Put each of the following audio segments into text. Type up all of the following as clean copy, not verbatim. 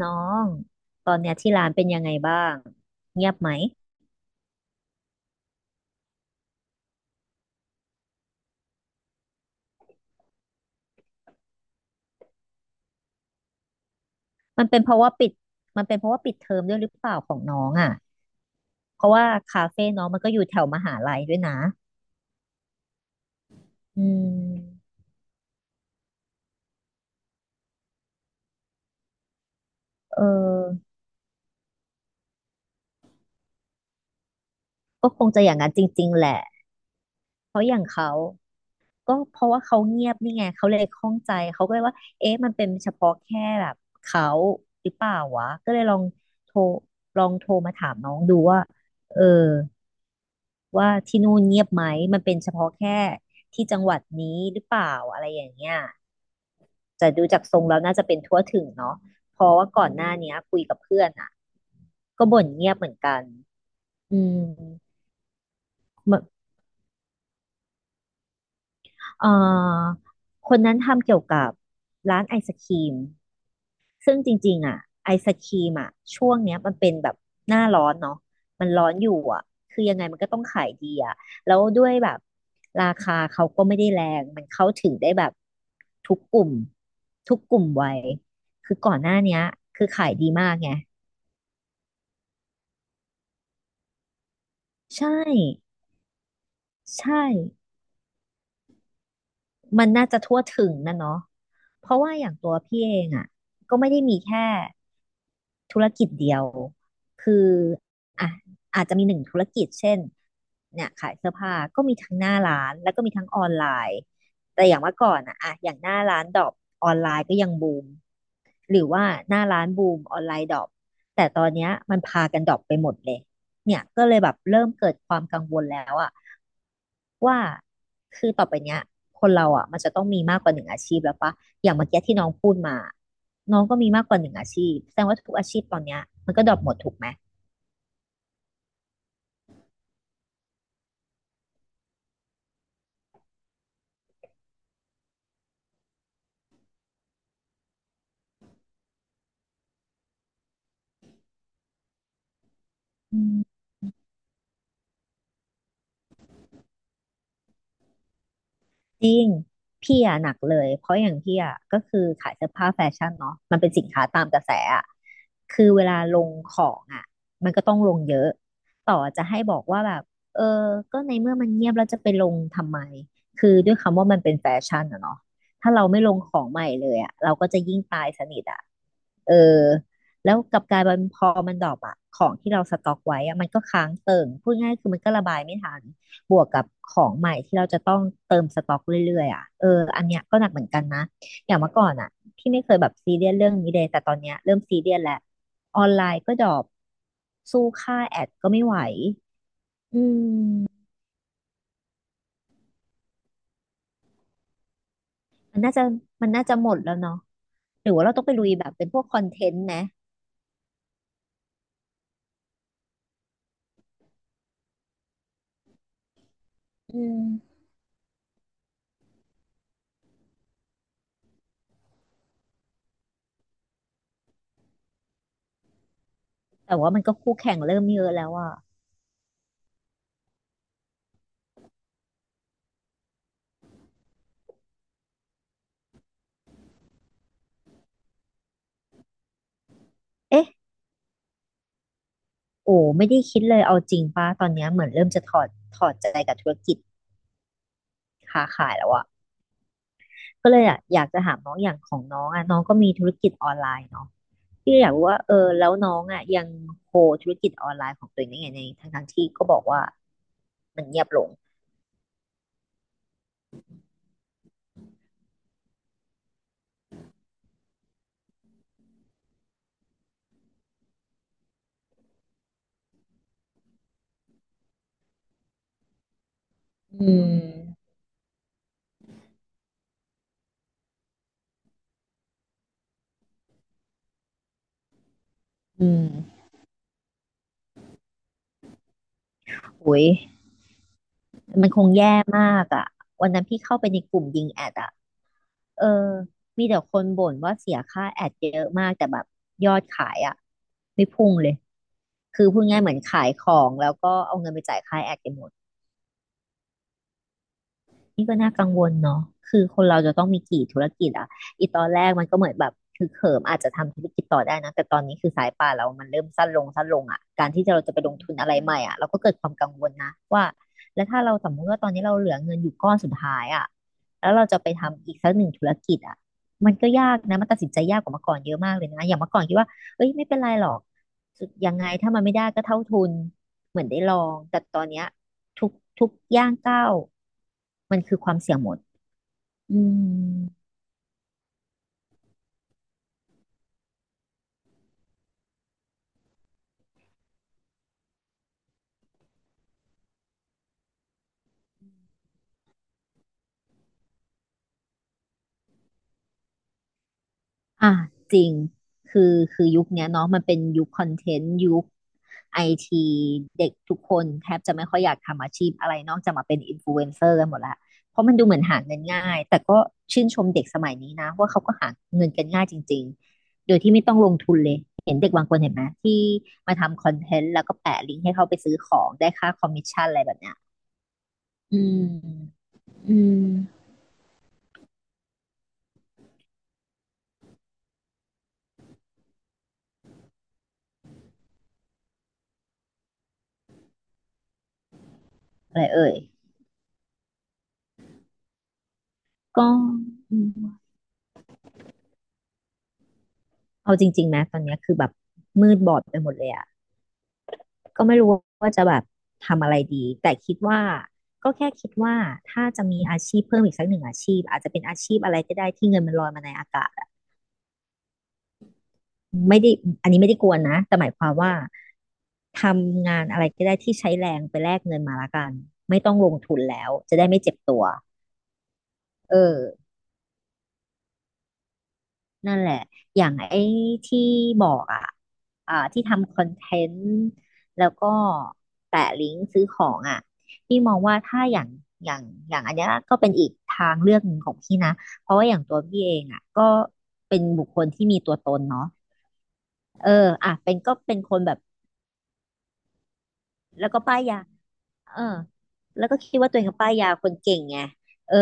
น้องตอนเนี้ยที่ร้านเป็นยังไงบ้างเงียบไหมมันเป็นเพราะว่าปิดมันเป็นเพราะว่าปิดเทอมด้วยหรือเปล่าของน้องอ่ะเพราะว่าคาเฟ่น้องมันก็อยู่แถวมหาลัยด้วยนะอืมเออก็คงจะอย่างนั้นจริงๆแหละเพราะอย่างเขาก็เพราะว่าเขาเงียบนี่ไงเขาเลยข้องใจเขาก็เลยว่าเอ๊ะมันเป็นเฉพาะแค่แบบเขาหรือเปล่าวะก็เลยลองโทรโทรมาถามน้องดูว่าเออ ว่าที่นู่นเงียบไหมมันเป็นเฉพาะแค่ที่จังหวัดนี้หรือเปล่าอะไรอย่างเงี้ยแต่ดูจากทรงแล้วน่าจะเป็นทั่วถึงเนาะเพราะว่าก่อนหน้าเนี้ยคุยกับเพื่อนอ่ะก็บ่นเงียบเหมือนกันอืมมันเอ่อคนนั้นทำเกี่ยวกับร้านไอศกรีม ซึ่งจริงๆอ่ะไอศครีมอ่ะช่วงเนี้ยมันเป็นแบบหน้าร้อนเนาะมันร้อนอยู่อ่ะคือยังไงมันก็ต้องขายดีอ่ะแล้วด้วยแบบราคาเขาก็ไม่ได้แรงมันเข้าถึงได้แบบทุกกลุ่มทุกกลุ่มวัยคือก่อนหน้าเนี้ยคือขายดีมากไงใช่ใช่มันน่าจะทั่วถึงนะเนาะเพราะว่าอย่างตัวพี่เองอ่ะก็ไม่ได้มีแค่ ธุรกิจเดียวคืออ่ะอาจจะมีหนึ่งธุรกิจเช่นเนี่ยขายเสื้อผ้าก็มีทั้งหน้าร้านแล้วก็มีทั้งออนไลน์แต่อย่างเมื่อก่อนอะอย่างหน้าร้านดรอปออนไลน์ก็ยังบูมหรือว่าหน้าร้านบูมออนไลน์ดรอปแต่ตอนเนี้ยมันพากันดรอปไปหมดเลยเนี่ยก็เลยแบบเริ่มเกิดความกังวลแล้วอะว่าคือต่อไปเนี้ยคนเราอะมันจะต้องมีมากกว่าหนึ่งอาชีพแล้วปะอย่างเมื่อกี้ที่น้องพูดมา น้องก็มีมากกว่าหนึ่งอาชีพแสดงว่าทุกอาชีพตอนเนี้ยมันก็ดรอปหมดถูกไหมอืม จริงพี่อะหนักเลยเพราะอย่างพี่อะก็คือขายเสื้อผ้าแฟชั่นเนาะมันเป็นสินค้าตามกระแสอะคือเวลาลงของอะมันก็ต้องลงเยอะต่อจะให้บอกว่าแบบเออก็ในเมื่อมันเงียบแล้วจะไปลงทำไมคือด้วยคำว่ามันเป็นแฟชั่นอะเนาะถ้าเราไม่ลงของใหม่เลยอะเราก็จะยิ่งตายสนิทอะเออแล้วกลับกลายเป็นพอมันดรอปอะของที่เราสต็อกไว้อะมันก็ค้างเติ่งพูดง่ายคือมันก็ระบายไม่ทัน บวกกับของใหม่ที่เราจะต้องเติมสต็อกเรื่อยๆอ่ะเอออันเนี้ยก็หนักเหมือนกันนะอย่างเมื่อก่อนอ่ะที่ไม่เคยแบบซีเรียสเรื่องนี้เลยแต่ตอนเนี้ยเริ่มซีเรียสแล้วออนไลน์ก็ดรอปสู้ค่าแอดก็ไม่ไหวอืมมันน่าจะมันน่าจะหมดแล้วเนาะหรือว่าเราต้องไปลุยแบบเป็นพวกคอนเทนต์นะอืมแต่ว่ามันก็คู่แข่งเริ่มเยอะแล้วอ่ะเอ๊ะโอ้ไม่ได้คิดเลยเอาจริงป้าตอนเนี้ยเหมือนเริ่มจะถอดใจกับธุรกิจค้าขายแล้วอะ ก็เลยอะอยากจะถามน้องอย่างของน้องอะน้องก็มีธุรกิจออนไลน์เนาะพี่อยากรู้ว่าเออแล้วน้องอะยังโฮธุรกิจออนไลน์ของตัวเองได้ไงในทั้งที่ก็บอกว่ามันเงียบลงอืมอืมโอ้ยมันคงแย่มากอ่ะวันนั้นพี่เข้าไปในกลุ่มยิงแอดอ่ะเออมีแต่คนบ่นว่าเสียค่าแอดเยอะมากแต่แบบยอดขายอ่ะไม่พุ่งเลยคือพูดง่ายเหมือนขายของแล้วก็เอาเงินไปจ่ายค่าแอดกันหมด นี่ก็น่ากังวลเนาะคือคนเราจะต้องมีกี่ธุรกิจอะอีตอนแรกมันก็เหมือนแบบคือเขิมอาจจะทำธุรกิจต่อได้นะแต่ตอนนี้คือสายป่านเรามันเริ่มสั้นลงสั้นลงอะการที่เราจะไปลงทุนอะไรใหม่อะเราก็เกิดความกังวลนะว่าแล้วถ้าเราสมมติว่าตอนนี้เราเหลือเงินอยู่ก้อนสุดท้ายอะแล้วเราจะไปทำอีกสักหนึ่งธุรกิจอะมันก็ยากนะมันตัดสินใจยากกว่าเมื่อก่อนเยอะมากเลยนะอย่างเมื่อก่อนคิดว่าเอ้ยไม่เป็นไรหรอกสุดยังไงถ้ามันไม่ได้ก็เท่าทุน เหมือนได้ลอง แต่ตอนเนี้ยทุกทุกย่างก้าวมันคือความเสี่ยงหมดอืมอ่ะจริง คือยุคเนี้ยเนาะมันเป็นยุคคอนเทนต์ยุคไอทีเด็กทุกคนแทบจะไม่ค่อยอยากทำอาชีพอะไรนอกจากมาเป็นอินฟลูเอนเซอร์กันหมดละเพราะมันดูเหมือนหาเงินง่าย แต่ก็ชื่นชมเด็กสมัยนี้นะว่าเขาก็หาเงินกันง่ายจริงๆโดยที่ไม่ต้องลงทุนเลยเห็นเด็กบางคนเห็นไหมที่มาทำคอนเทนต์แล้วก็แปะลิงก์ให้เขาไปซื้อของได้ค่าคอมมิชชั่นอะไรแบบเนี้ย อืมอืมอะไรเอ่ยก็อืมเอาจริงๆนะตอนเนี้ยคือแบบมืดบอดไปหมดเลยอ่ะก็ไม่รู้ว่าจะแบบทำอะไรดีแต่คิดว่าก็แค่คิดว่าถ้าจะมีอาชีพเพิ่มอีกสักหนึ่งอาชีพอาจจะเป็นอาชีพอะไรก็ได้ที่เงินมันลอยมาในอากาศอะไม่ได้อันนี้ไม่ได้กวนนะแต่หมายความว่าทำงานอะไรก็ได้ที่ใช้แรงไปแลกเงินมาละกันไม่ต้องลงทุนแล้วจะได้ไม่เจ็บตัวเออ นั่นแหละอย่างไอ้ที่บอกอ่ะที่ทำคอนเทนต์แล้วก็แปะลิงก์ซื้อของอ่ะพี่มองว่าถ้าอย่างอย่างอันเนี้ยก็เป็นอีกทางเลือกหนึ่งของพี่นะเพราะว่าอย่างตัวพี่เองอ่ะก็เป็นบุคคลที่มีตัวตนเนาะเอออ่ะเป็นก็เป็นคนแบบแล้วก็ป้ายยา เออแล้วก็คิดว่าตัวเองเป็นป้ายยาคนเก่งไงเออ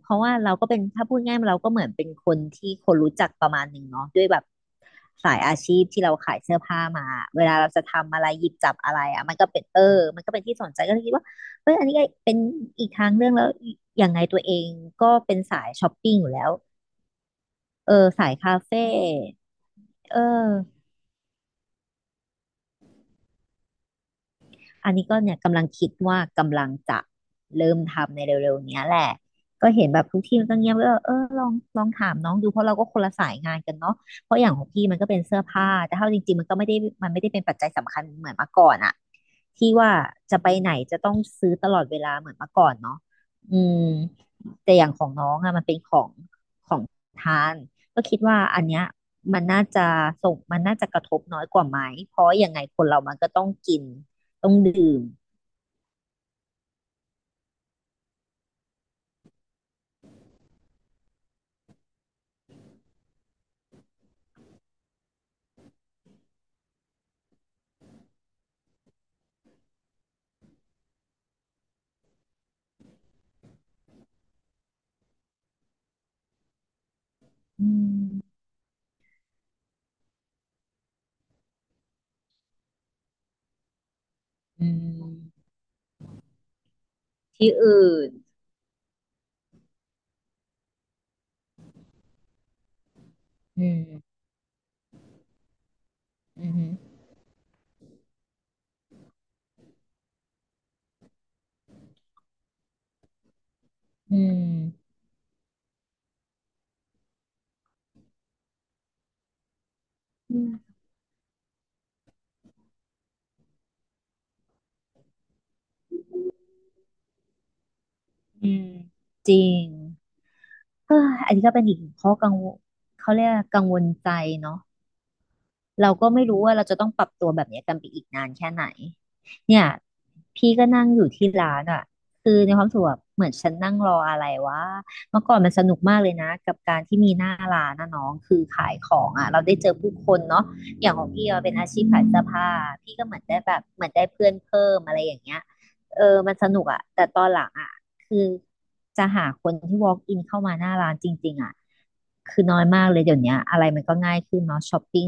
เพราะว่าเราก็เป็นถ้าพูดง่ายๆเราก็เหมือนเป็นคนที่คนรู้จักประมาณหนึ่งเนาะด้วยแบบสายอาชีพที่เราขายเสื้อผ้ามาเวลาเราจะทำอะไรหยิบจับอะไรอ่ะมันก็เป็นเออมันก็เป็นที่สนใจก็เลยคิดว่าเอออันนี้ก็เป็นอีกทางเรื่องแล้วอย่างไงตัวเองก็เป็นสายช้อปปิ้งอยู่แล้วเออสายคาเฟ่เออ อันนี้ก็เนี่ยกำลังคิดว่ากำลังจะเริ่มทำในเร็วๆเนี้ยแหละก็เห็นแบบทุกที่มันก็เงียบก็เออลองถามน้องดูเพราะเราก็คนละสายงานกันเนาะเพราะอย่างของพี่มันก็เป็นเสื้อผ้าแต่เท่าจริงๆมันไม่ได้เป็นปัจจัยสำคัญเหมือนเมื่อก่อนอะที่ว่าจะไปไหนจะต้องซื้อตลอดเวลาเหมือนเมื่อก่อนเนาะอืมแต่อย่างของน้องอะมันเป็นของทานก็คิดว่าอันเนี้ยมันน่าจะมันน่าจะกระทบน้อยกว่าไหมเพราะยังไงคนเรามันก็ต้องกิน ต้องดื่มอืมอืมที่อื่นอืมอืมอืมอืมอืมจริงเอออันนี้ก็เป็นอีกหนึ่งข้อกังวลเขาเรียกว่ากังวลใจเนาะ เราก็ไม่รู้ว่าเราจะต้องปรับตัวแบบเนี้ยกันไปอีกนานแค่ไหนเนี่ยพี่ก็นั่งอยู่ที่ร้านอ่ะคือในความรู้สุขแบบเหมือนฉันนั่งรออะไรวะเมื่อก่อนมันสนุกมากเลยนะกับการที่มีหน้าร้านนะน้องคือขายของอ่ะเราได้เจอผู้คนเนาะอย่างของพี่เราเป็นอาชีพขายเสื้อผ้าพี่ก็เหมือนได้แบบเหมือนได้เพื่อนเพิ่มอะไรอย่างเงี้ยเออมันสนุกอ่ะแต่ตอนหลังอ่ะคือจะหาคนที่ walk in เข้ามาหน้าร้านจริงๆอ่ะคือน้อยมากเลยเดี๋ยวเนี้ยอะไรมันก็ง่ายขึ้นเนาะช้อปปิ้ง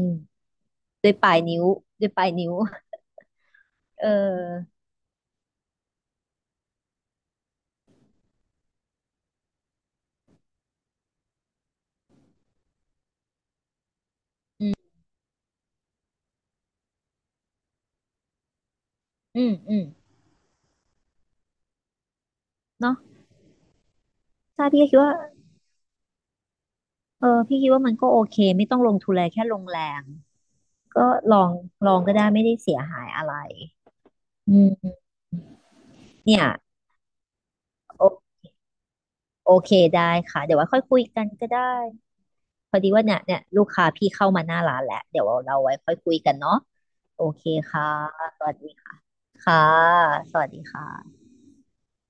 ด้วยปลายนิ้วด้วยปลายนิ้ว เอออืมอืมเนาะใช่พี่ก็คิดว่าเออพี่คิดว่ามันก็โอเคไม่ต้องลงทุนอะไรแค่ลงแรงก็ลองลองก็ได้ไม่ได้เสียหายอะไรอืมเนี่ยโอโอเคได้ค่ะเดี๋ยวไว่าค่อยคุยกันก็ได้พอดีว่าเนี่ยลูกค้าพี่เข้ามาหน้าร้านแล้วเดี๋ยวเราไว้ค่อยคุยกันเนาะโอเคค่ะสวัสดีค่ะสวัสดีค่ะ